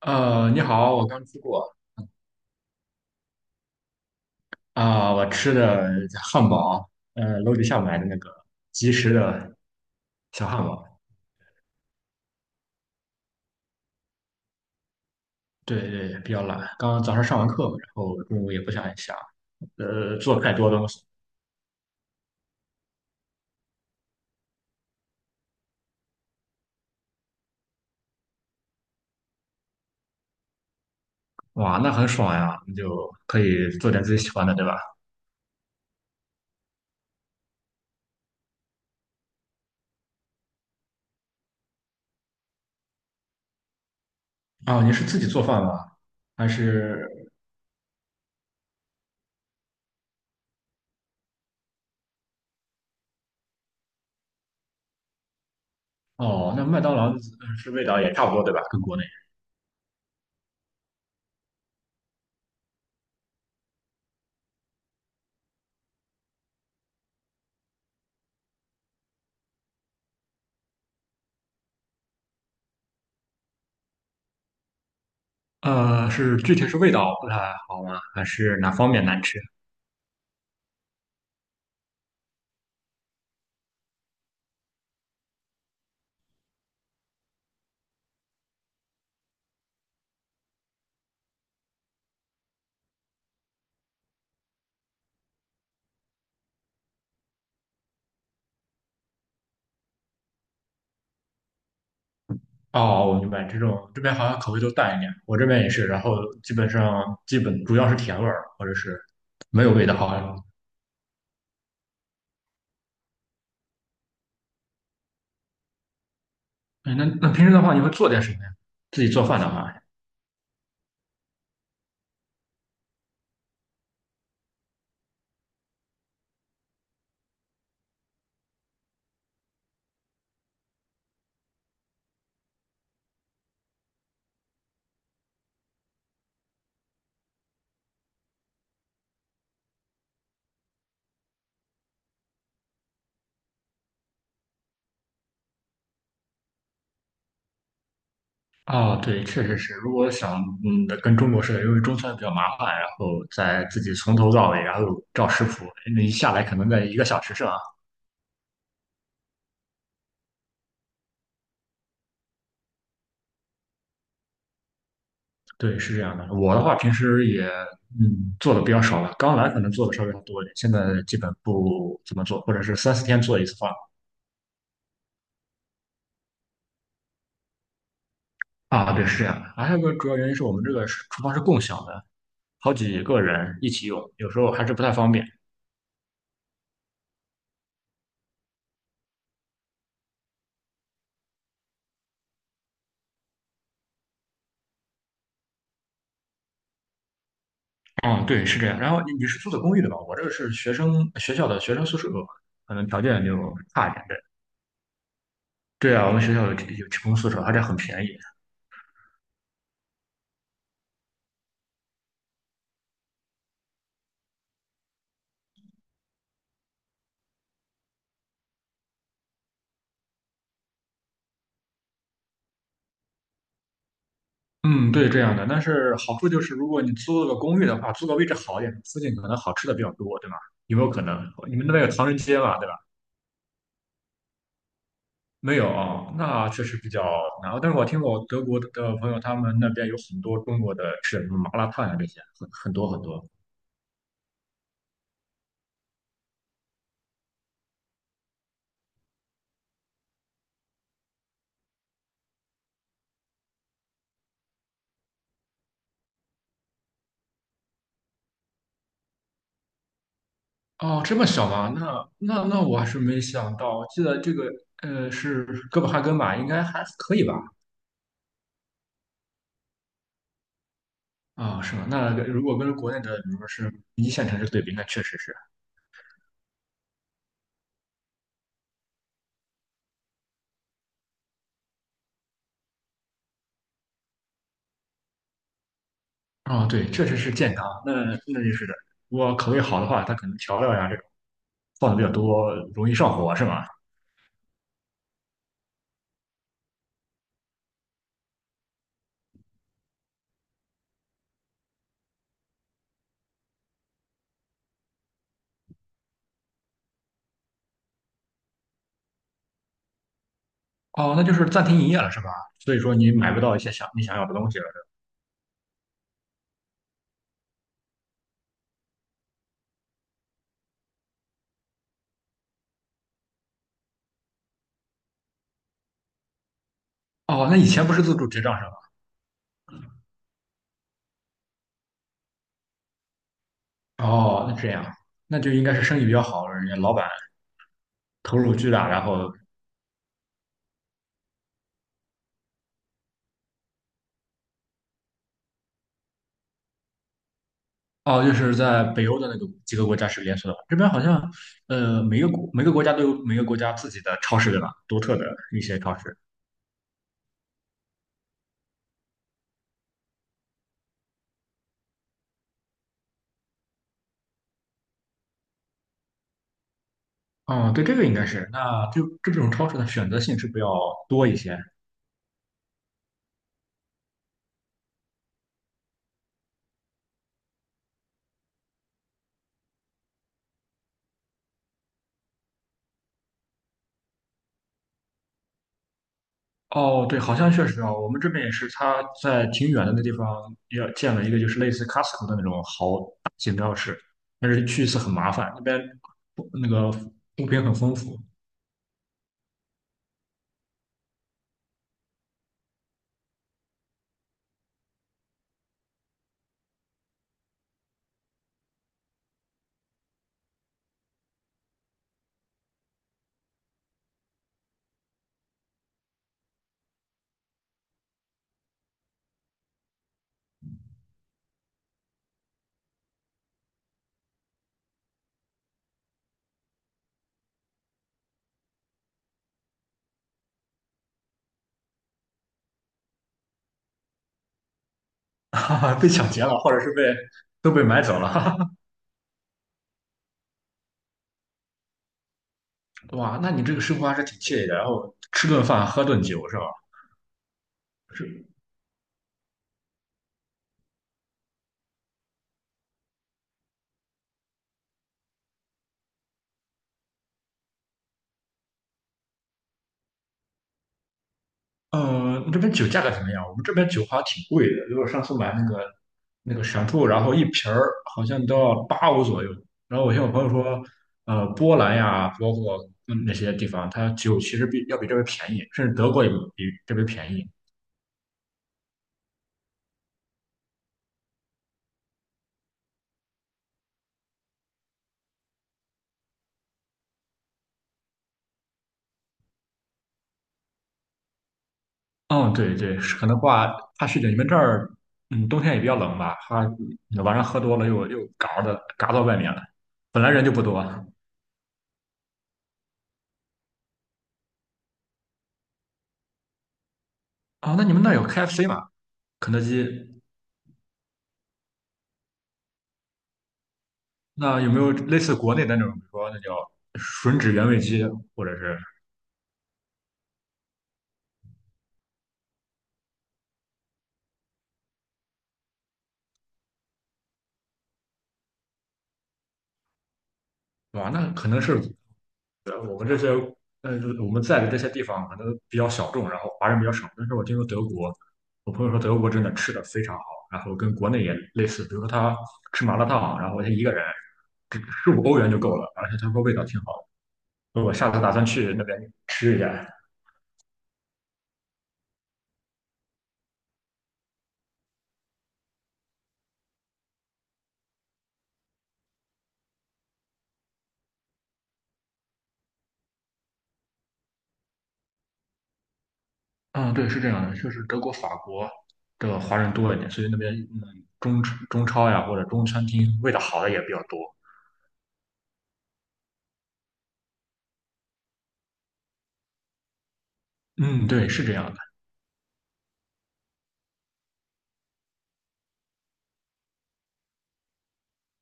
你好，我刚吃过。我吃的汉堡，楼底下买的那个即食的小汉堡。对对，比较懒。刚刚早上上完课，然后中午也不想，做太多东西。哇，那很爽呀，你就可以做点自己喜欢的，对吧？哦，你是自己做饭吗？还是哦，那麦当劳是味道也差不多，对吧？跟国内。是具体是味道不太好吗？还是哪方面难吃？哦，我明白，这种这边好像口味都淡一点，我这边也是，然后基本主要是甜味儿，或者是没有味道，好像。哎，那那平时的话，你会做点什么呀？自己做饭的话。哦，对，确实是，如果想跟中国似的，因为中餐比较麻烦，然后再自己从头到尾，然后照食谱，那一下来可能在一个小时上。对，是这样的。我的话，平时也做的比较少了，刚来可能做的稍微多一点，现在基本不怎么做，或者是三四天做一次饭。啊，对，是这样的。啊，还有一个主要原因是我们这个是厨房是共享的，好几个人一起用，有时候还是不太方便。嗯，对，是这样。然后你是租的公寓对吧？我这个是学生学校的学生宿舍，可能条件就差一点。对，对啊，我们学校有提供宿舍，而且很便宜。嗯，对，这样的。但是好处就是，如果你租了个公寓的话，租个位置好一点，附近可能好吃的比较多，对吗？有没有可能？你们那边有唐人街吧？对吧？没有啊，那确实比较难。但是我听我德国的朋友，他们那边有很多中国的吃什么麻辣烫呀、这些，很多很多。哦，这么小吗？那我还是没想到。我记得这个是哥本哈根吧，应该还可以吧？啊、是吗？那如果跟国内的，比如说是一线城市对比，那确实是。啊、对，确实是健康。那那就是的。我口味好的话，它可能调料呀这种放的比较多，容易上火，是吗？哦，那就是暂停营业了是吧？所以说你买不到一些想你想要的东西了。哦，那以前不是自助结账是吧？哦，那这样，那就应该是生意比较好，人家老板投入巨大，然后哦，就是在北欧的那个几个国家是连锁的，这边好像每个每个国家都有每个国家自己的超市对吧？独特的一些超市。哦，对，这个应该是，那就这种超市的选择性是不是要多一些？哦，对，好像确实啊，我们这边也是，他在挺远的那地方也建了一个，就是类似 Costco 的那种好大型超市，但是去一次很麻烦，那边那个物品很丰富。哈哈，被抢劫了，或者是被都被买走了，哈哈。哇，那你这个生活还是挺惬意的，然后吃顿饭，喝顿酒是吧？是。这边酒价格怎么样？我们这边酒好像挺贵的，因为我上次买那个那个闪兔，然后一瓶儿好像都要8欧左右。然后我听我朋友说，波兰呀，包括那些地方，它酒其实比要比这边便宜，甚至德国也比这边便宜。嗯，对对，是可能话怕是的，你们这儿冬天也比较冷吧？怕晚上喝多了又嘎的嘎到外面了，本来人就不多啊。那你们那儿有 KFC 吗？肯德基？那有没有类似国内的那种，比如说那叫吮指原味鸡，或者是哇，那可能是我们这些呃我们在的这些地方可能比较小众，然后华人比较少。但是我听说德国，我朋友说德国真的吃的非常好，然后跟国内也类似，比如说他吃麻辣烫，然后他一个人只15欧元就够了，而且他说味道挺好的。我下次打算去那边吃一下。嗯，对，是这样的，就是德国、法国的华人多一点，所以那边中超呀或者中餐厅味道好的也比较多。嗯，对，是这样的。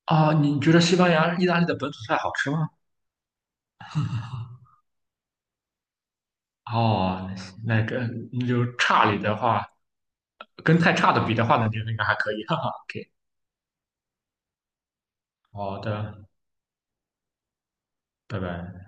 啊，你觉得西班牙、意大利的本土菜好吃吗？哦，那个那就差里的话，跟太差的比的话，那就应该还可以，哈哈。OK,好的，拜拜。